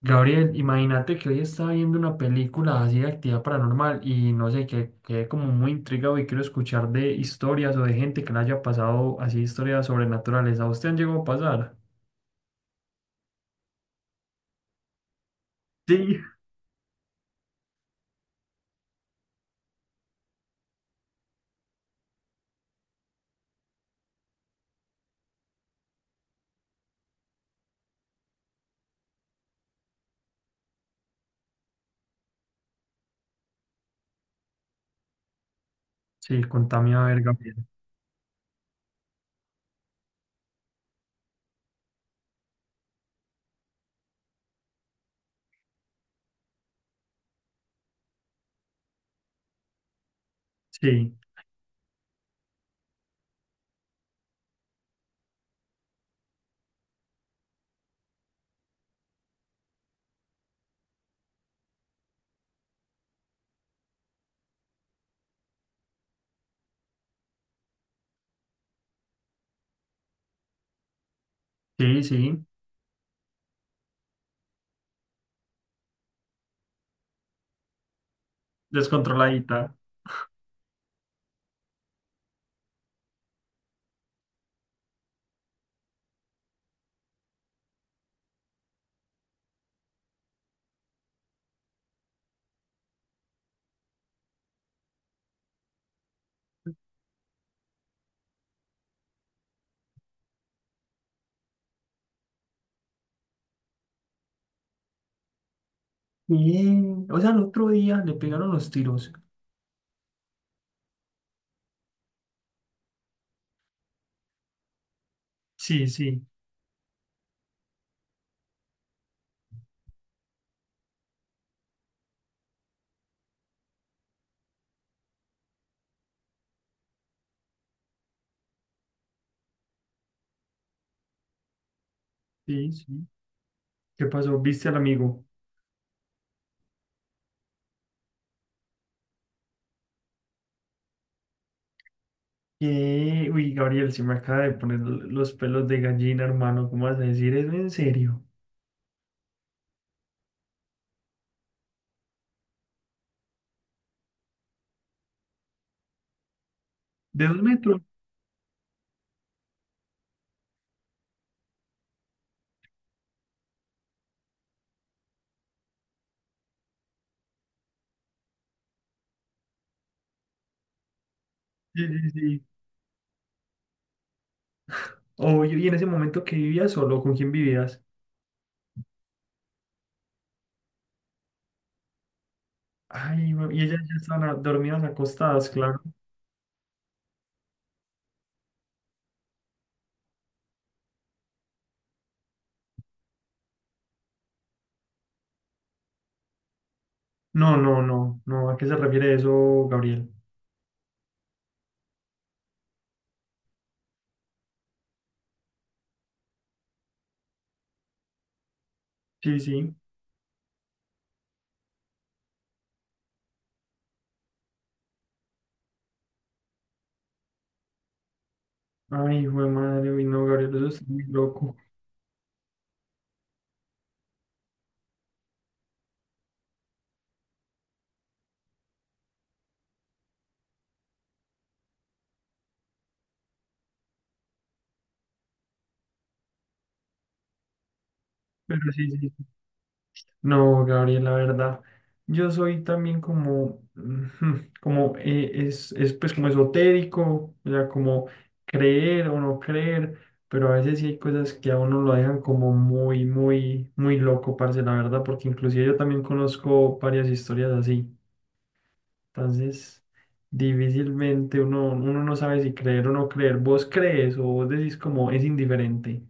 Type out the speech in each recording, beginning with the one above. Gabriel, imagínate que hoy estaba viendo una película así de actividad paranormal y no sé, que quedé como muy intrigado y quiero escuchar de historias o de gente que le haya pasado así historias sobrenaturales. ¿A usted han llegado a pasar? Sí. Sí, contame a ver, Gabriel. Sí, sí, sí, descontroladita. Sí. O sea, el otro día le pegaron los tiros. Sí, sí, sí, sí. ¿Qué pasó? ¿Viste al amigo? Uy, Gabriel, se me acaba de poner los pelos de gallina, hermano. ¿Cómo vas a decir eso? ¿En serio? ¿De 2 metros? Sí, sí, sí. Obvio, y en ese momento que vivías solo, ¿con quién vivías? Ay, y ellas ya estaban dormidas acostadas, claro. No, no, no, no. ¿A qué se refiere eso, Gabriel? Sí, sí. Ay, hijo de madre, uy, no, Gabriel, eso es muy loco. Pero sí, sí. No, Gabriel, la verdad, yo soy también como, ujú, como es pues como esotérico, o sea, como creer o no creer, pero a veces sí hay cosas que a uno lo dejan como muy, muy, muy loco, parce, la verdad, porque inclusive yo también conozco varias historias así, entonces difícilmente uno no sabe si creer o no creer, vos crees o vos decís como es indiferente.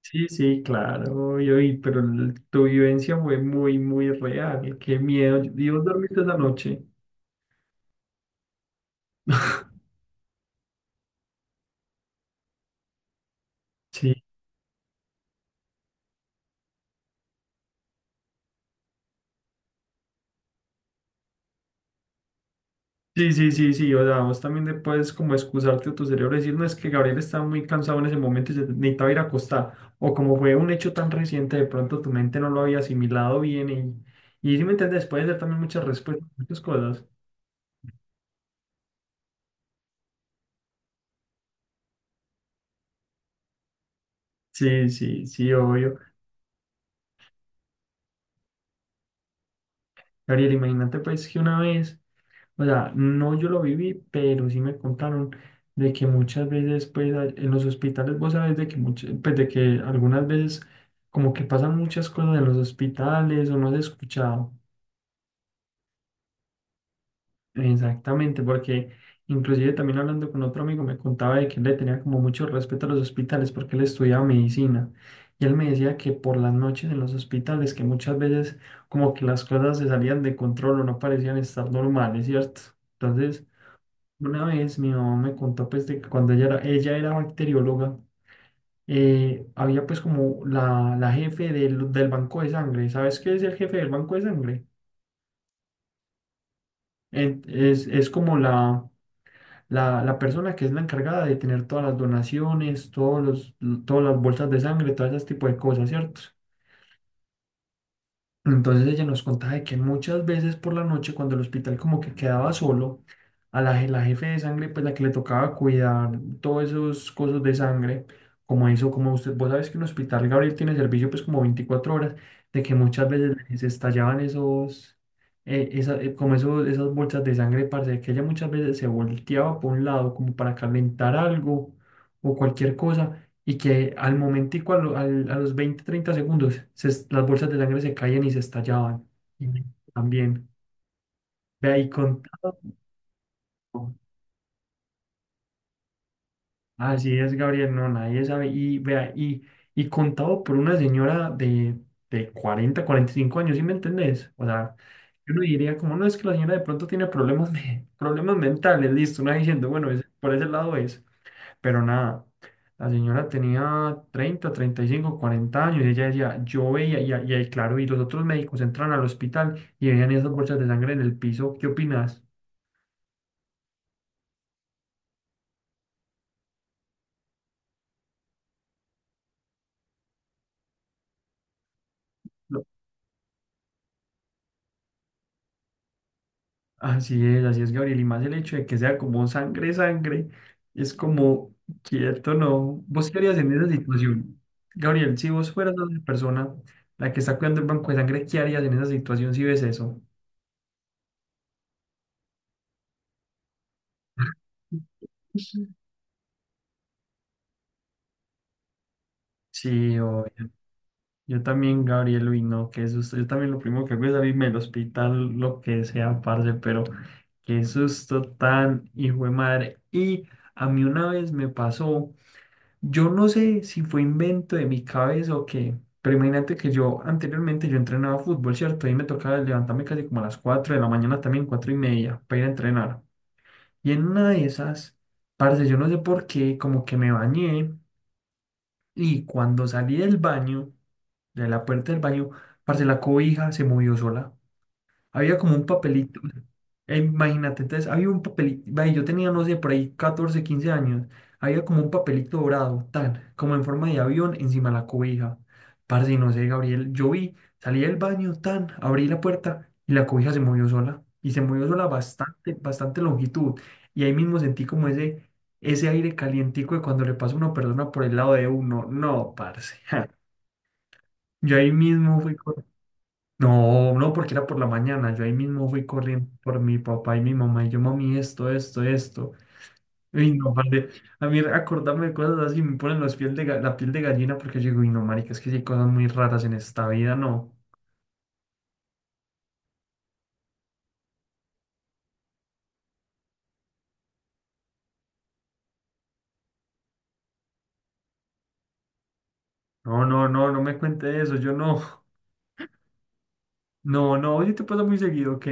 Sí, sí, claro, y, oí, pero tu vivencia fue muy, muy real. Qué miedo. ¿Y vos dormiste esa noche? Sí, sí, sí, sí, sí. O sea, vos también te puedes como excusarte a tu cerebro y decir, no, es que Gabriel estaba muy cansado en ese momento y se necesitaba ir a acostar. O como fue un hecho tan reciente, de pronto tu mente no lo había asimilado bien y si me entiendes, puede ser también muchas respuestas, muchas cosas. Sí, sí, sí, obvio. Gabriel, imagínate pues que una vez. O sea, no yo lo viví, pero sí me contaron de que muchas veces, pues, en los hospitales, vos sabes de que muchas, pues, de que algunas veces como que pasan muchas cosas en los hospitales o no has escuchado. Exactamente, porque inclusive también hablando con otro amigo me contaba de que él le tenía como mucho respeto a los hospitales porque él estudiaba medicina. Y él me decía que por las noches en los hospitales, que muchas veces como que las cosas se salían de control o no parecían estar normales, ¿cierto? Entonces. Una vez mi mamá me contó pues de que cuando ella era bacterióloga, había pues como la jefe del banco de sangre. ¿Sabes qué es el jefe del banco de sangre? Es como la persona que es la encargada de tener todas las donaciones, todos los, todas las bolsas de sangre, todo ese tipo de cosas, ¿cierto? Entonces ella nos contaba de que muchas veces por la noche, cuando el hospital como que quedaba solo, a la jefe de sangre, pues la que le tocaba cuidar todos esos cosas de sangre, como eso, como usted, vos sabes que un hospital, Gabriel, tiene servicio pues como 24 horas, de que muchas veces se estallaban esos, como esos, esas bolsas de sangre, parce, que ella muchas veces se volteaba por un lado como para calentar algo o cualquier cosa y que al momentico, a los 20 30 segundos, las bolsas de sangre se caían y se estallaban. Y también, vea, y contado, así es, Gabriel, no, nadie sabe, y vea, y contado por una señora de 40 45 años, ¿sí me entendés? O sea, yo no diría como, no, es que la señora de pronto tiene problemas, de, problemas mentales, listo, una diciendo, bueno, por ese lado es. Pero nada, la señora tenía 30 35 40 años y ella decía, yo veía, y ahí, claro, y los otros médicos entran al hospital y veían esas bolsas de sangre en el piso. ¿Qué opinas? No. Así es, Gabriel. Y más el hecho de que sea como sangre, sangre, es como, quieto, ¿no? ¿Vos qué harías en esa situación? Gabriel, si vos fueras la persona la que está cuidando el banco de sangre, ¿qué harías en esa situación si ves eso? Sí. Yo también, Gabriel, uy, no, qué susto. Yo también lo primero que hago es abrirme el hospital, lo que sea, parce, pero qué susto tan hijo de madre. Y a mí una vez me pasó, yo no sé si fue invento de mi cabeza o qué, pero imagínate que yo anteriormente yo entrenaba fútbol, ¿cierto? Y me tocaba levantarme casi como a las 4 de la mañana, también 4 y media, para ir a entrenar. Y en una de esas, parce, yo no sé por qué, como que me bañé y cuando salí del baño, de la puerta del baño, parce, la cobija se movió sola. Había como un papelito. Imagínate, entonces había un papelito. Ve, yo tenía, no sé, por ahí 14 15 años. Había como un papelito dorado, tal, como en forma de avión encima de la cobija. Parce, no sé, Gabriel. Yo vi, salí del baño, tan, abrí la puerta y la cobija se movió sola. Y se movió sola bastante, bastante longitud. Y ahí mismo sentí como ese aire calientico de cuando le pasa a una persona por el lado de uno. No, parce. Yo ahí mismo fui. No, no, porque era por la mañana. Yo ahí mismo fui corriendo por mi papá y mi mamá. Y yo, mami, esto, esto, esto. Y no, vale. A mí acordarme de cosas así me ponen los piel de, la piel de gallina porque yo digo, y no, marica, es que sí hay cosas muy raras en esta vida, no. No, no, no, no me cuente eso. Yo no. No, no, oye, te pasa muy seguido, ¿ok?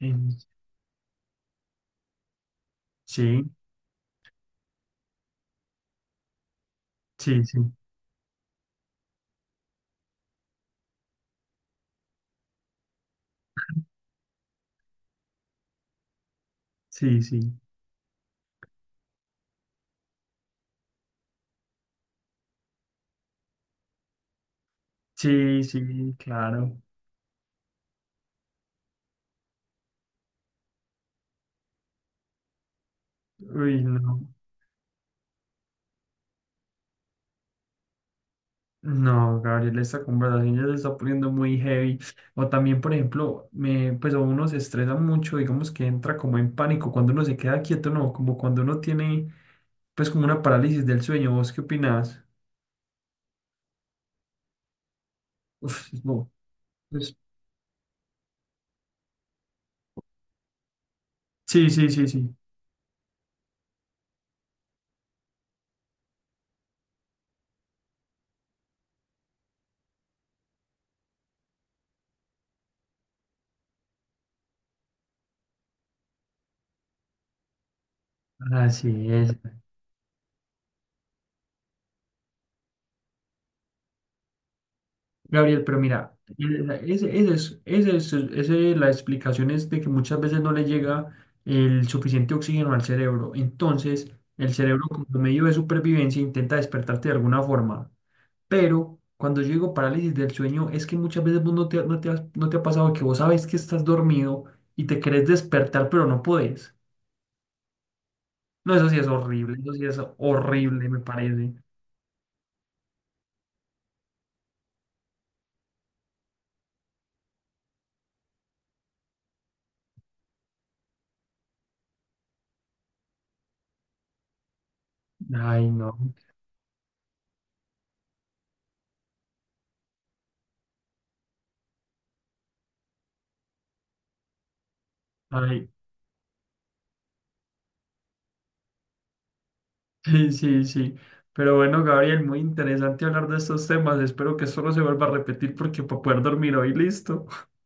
Em, sí, sí, sí, sí, sí, sí, sí, claro. Uy, no. No, Gabriel, esta conversación ya se está poniendo muy heavy. O también, por ejemplo, me, pues a uno se estresa mucho, digamos que entra como en pánico cuando uno se queda quieto, no, como cuando uno tiene, pues como una parálisis del sueño. ¿Vos qué opinás? Uf, no, pues, sí, sí, sí, sí. Así es. Gabriel, pero mira, ese es la explicación es de que muchas veces no le llega el suficiente oxígeno al cerebro. Entonces, el cerebro como medio de supervivencia intenta despertarte de alguna forma. Pero cuando yo digo parálisis del sueño, es que muchas veces vos no te ha pasado que vos sabes que estás dormido y te querés despertar, pero no podés. No, eso sí es horrible, eso sí es horrible, me parece. Ay, no. Ay, sí, sí, sí. Pero bueno, Gabriel, muy interesante hablar de estos temas. Espero que solo se vuelva a repetir porque para poder dormir hoy, listo.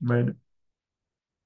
Bueno.